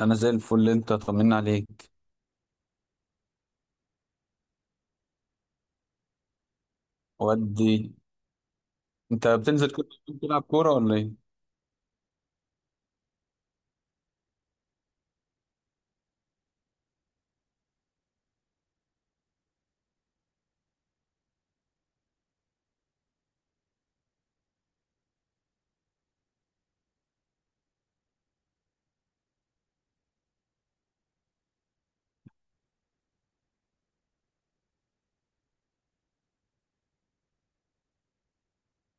انا زي الفل، انت طمنا عليك ودي. انت بتنزل كل يوم تلعب كوره ولا ايه؟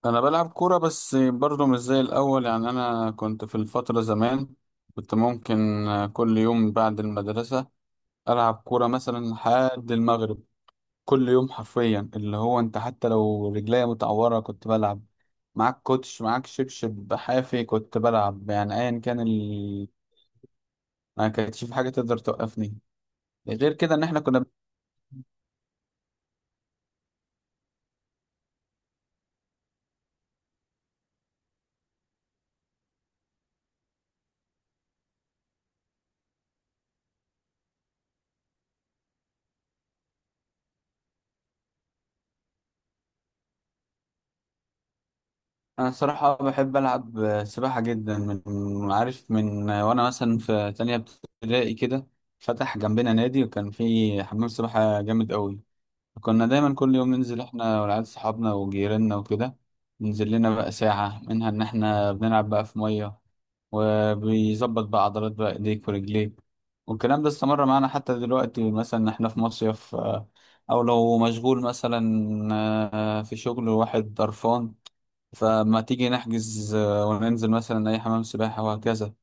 انا بلعب كوره بس برضه مش زي الاول. يعني انا كنت في الفتره زمان كنت ممكن كل يوم بعد المدرسه العب كوره مثلا لحد المغرب. كل يوم حرفيا اللي هو انت حتى لو رجليا متعوره كنت بلعب معاك كوتش، معاك شبشب حافي كنت بلعب. يعني ايا كان ما كانتش في حاجه تقدر توقفني غير كده ان احنا كنا. انا الصراحه بحب العب سباحه جدا. من عارف من وانا مثلا في تانية ابتدائي كده، فتح جنبنا نادي وكان فيه حمام سباحه جامد قوي. كنا دايما كل يوم ننزل احنا والعيال صحابنا وجيراننا وكده، ننزل لنا بقى ساعة منها ان احنا بنلعب بقى في مية، وبيظبط بقى عضلات بقى ايديك ورجليك. والكلام ده استمر معانا حتى دلوقتي، مثلا احنا في مصيف او لو مشغول مثلا في شغل واحد طرفان، فما تيجي نحجز وننزل مثلا أي حمام سباحة وهكذا.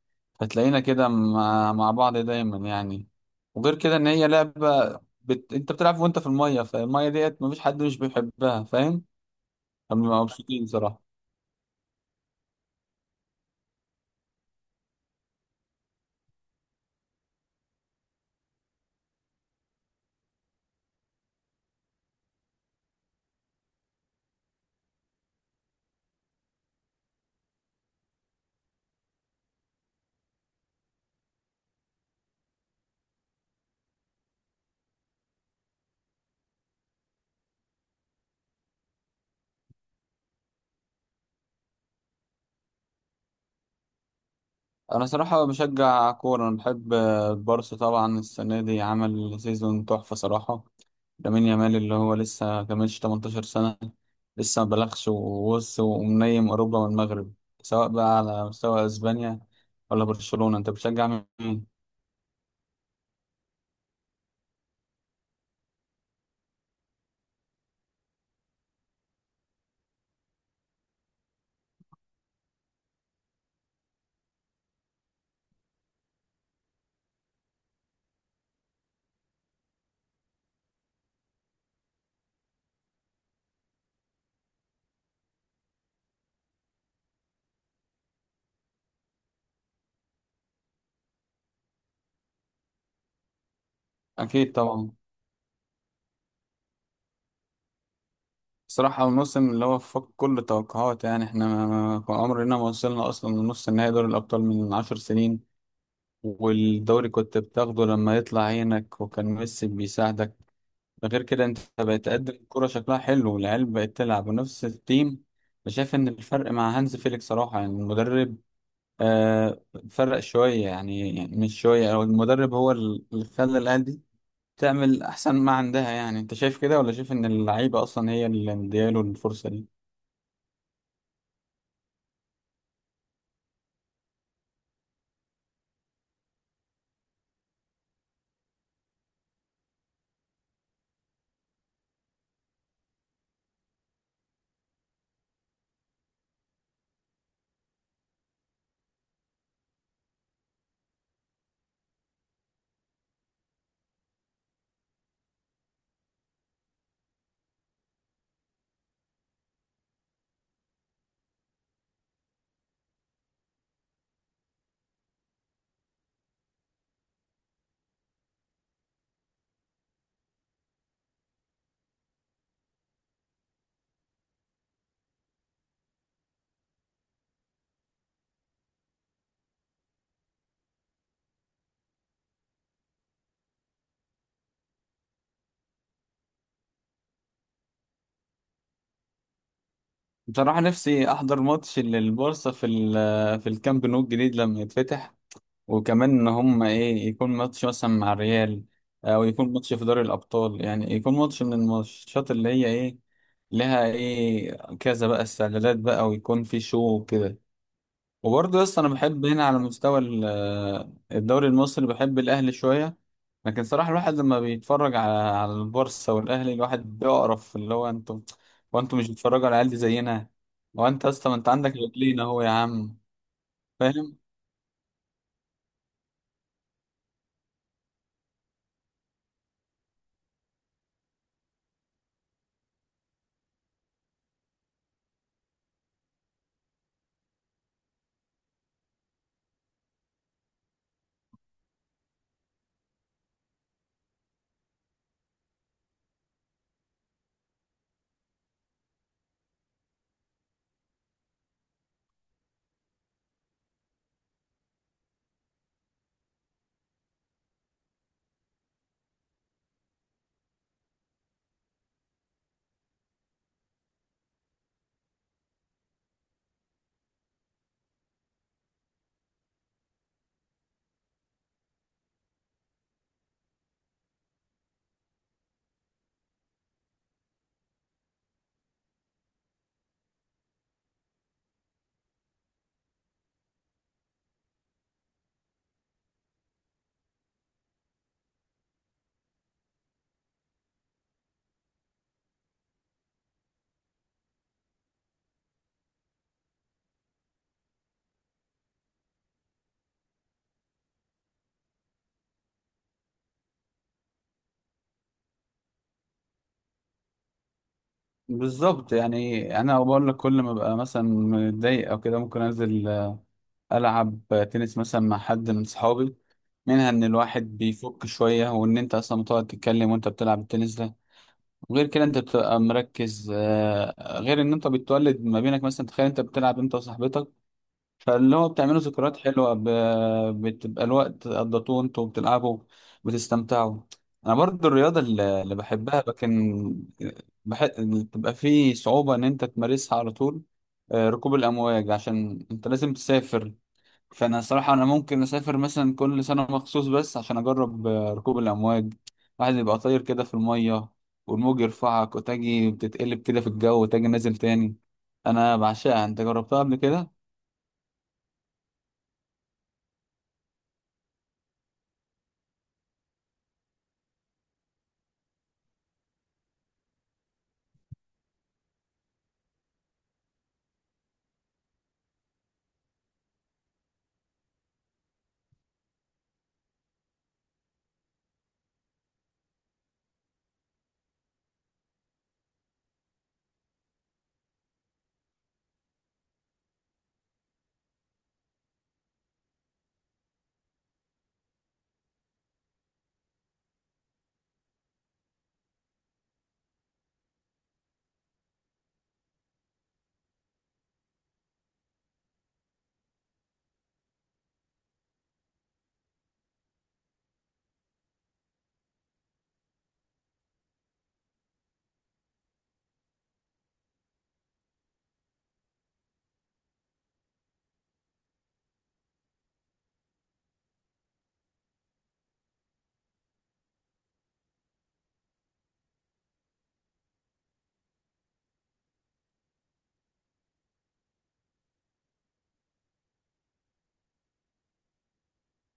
فتلاقينا كده مع بعض دايما يعني. وغير كده إن هي لعبة انت بتلعب وانت في الميه، فالميه ديت مفيش حد مش بيحبها، فاهم. احنا بنبقى مبسوطين صراحه. انا صراحه بشجع كوره. انا بحب البارسا طبعا. السنه دي عمل سيزون تحفه صراحه. لامين يامال اللي هو لسه كملش 18 سنه، لسه ما بلغش، ووص ومنيم اوروبا والمغرب، سواء بقى على مستوى اسبانيا ولا برشلونه. انت بتشجع مين؟ اكيد طبعا بصراحة الموسم اللي هو فوق كل التوقعات. يعني احنا كان عمرنا ما وصلنا أصلا لنص النهائي دوري الأبطال من 10 سنين. والدوري كنت بتاخده لما يطلع عينك وكان ميسي بيساعدك. ده غير كده انت بقيت تقدم الكرة شكلها حلو، والعيال بقت تلعب، ونفس التيم. أنا شايف إن الفرق مع هانز فيليك صراحة يعني المدرب آه فرق شوية، يعني, يعني مش شوية. أو المدرب هو اللي خلى العيال دي تعمل أحسن ما عندها. يعني أنت شايف كده، ولا شايف إن اللعيبة أصلا هي اللي مدياله الفرصة دي؟ بصراحة نفسي أحضر ماتش للبورصة في في الكامب نو الجديد لما يتفتح، وكمان إن هم إيه يكون ماتش مثلا مع الريال، أو يكون ماتش في دوري الأبطال، يعني يكون ماتش من الماتشات اللي هي إيه، لها إيه كذا بقى استعدادات بقى، ويكون في شو وكده. وبرضه يا اسطى انا بحب هنا على مستوى الدوري المصري، بحب الاهلي شويه. لكن صراحه الواحد لما بيتفرج على البورصه والاهلي الواحد بيقرف اللي هو انتوا، وانتوا مش بتتفرجوا على العيال دي زينا. وانت يا اسطى ما انت عندك رجلين اهو يا عم، فاهم. بالظبط. يعني انا بقول لك كل ما ببقى مثلا متضايق او كده ممكن انزل العب تنس مثلا مع حد من صحابي. منها ان الواحد بيفك شويه، وان انت اصلا بتقعد تتكلم وانت بتلعب التنس ده. غير كده انت بتبقى مركز، غير ان انت بتولد ما بينك. مثلا تخيل انت بتلعب انت وصاحبتك، فاللي هو بتعملوا ذكريات حلوة، بتبقى الوقت قضيتوه انتوا بتلعبوا، بتستمتعوا. انا برضو الرياضة اللي بحبها، لكن بتبقى فيه صعوبة ان انت تمارسها على طول، ركوب الامواج، عشان انت لازم تسافر. فانا صراحه انا ممكن اسافر مثلا كل سنه مخصوص بس عشان اجرب ركوب الامواج. واحد يبقى طاير كده في الميه، والموج يرفعك، وتجي بتتقلب كده في الجو، وتجي نازل تاني. انا بعشقها. انت جربتها قبل كده؟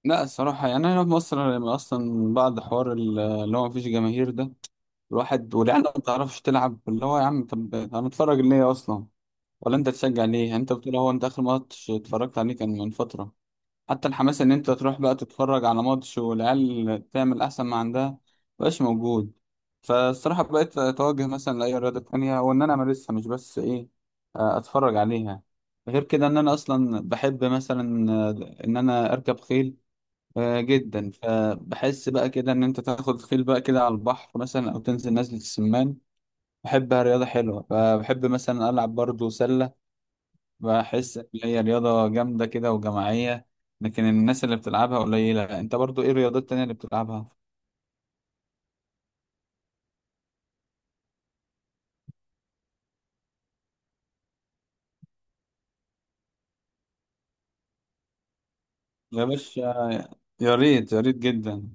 لا الصراحه يعني انا في مصر لما اصلا بعد حوار اللي هو مفيش جماهير ده، الواحد والعيال ما بتعرفش تلعب اللي هو يا عم، طب هنتفرج ليه اصلا؟ ولا انت تشجع ليه؟ يعني انت بتقول هو انت اخر ماتش اتفرجت عليه كان من فتره. حتى الحماس ان انت تروح بقى تتفرج على ماتش والعيال تعمل احسن ما عندها مبقاش موجود. فالصراحة بقيت اتوجه مثلا لأي رياضة تانية وان انا امارسها مش بس ايه اتفرج عليها. غير كده ان انا اصلا بحب مثلا ان انا اركب خيل جدا. فبحس بقى كده ان انت تاخد خيل بقى كده على البحر مثلا او تنزل نزلة السمان، بحبها، رياضة حلوة. فبحب مثلا العب برضو سلة، بحس ان هي رياضة جامدة كده وجماعية، لكن الناس اللي بتلعبها قليلة. انت برضو ايه الرياضات التانية اللي بتلعبها؟ يا باشا، يا ريت، يا ريت جدا.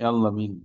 يلا بينا.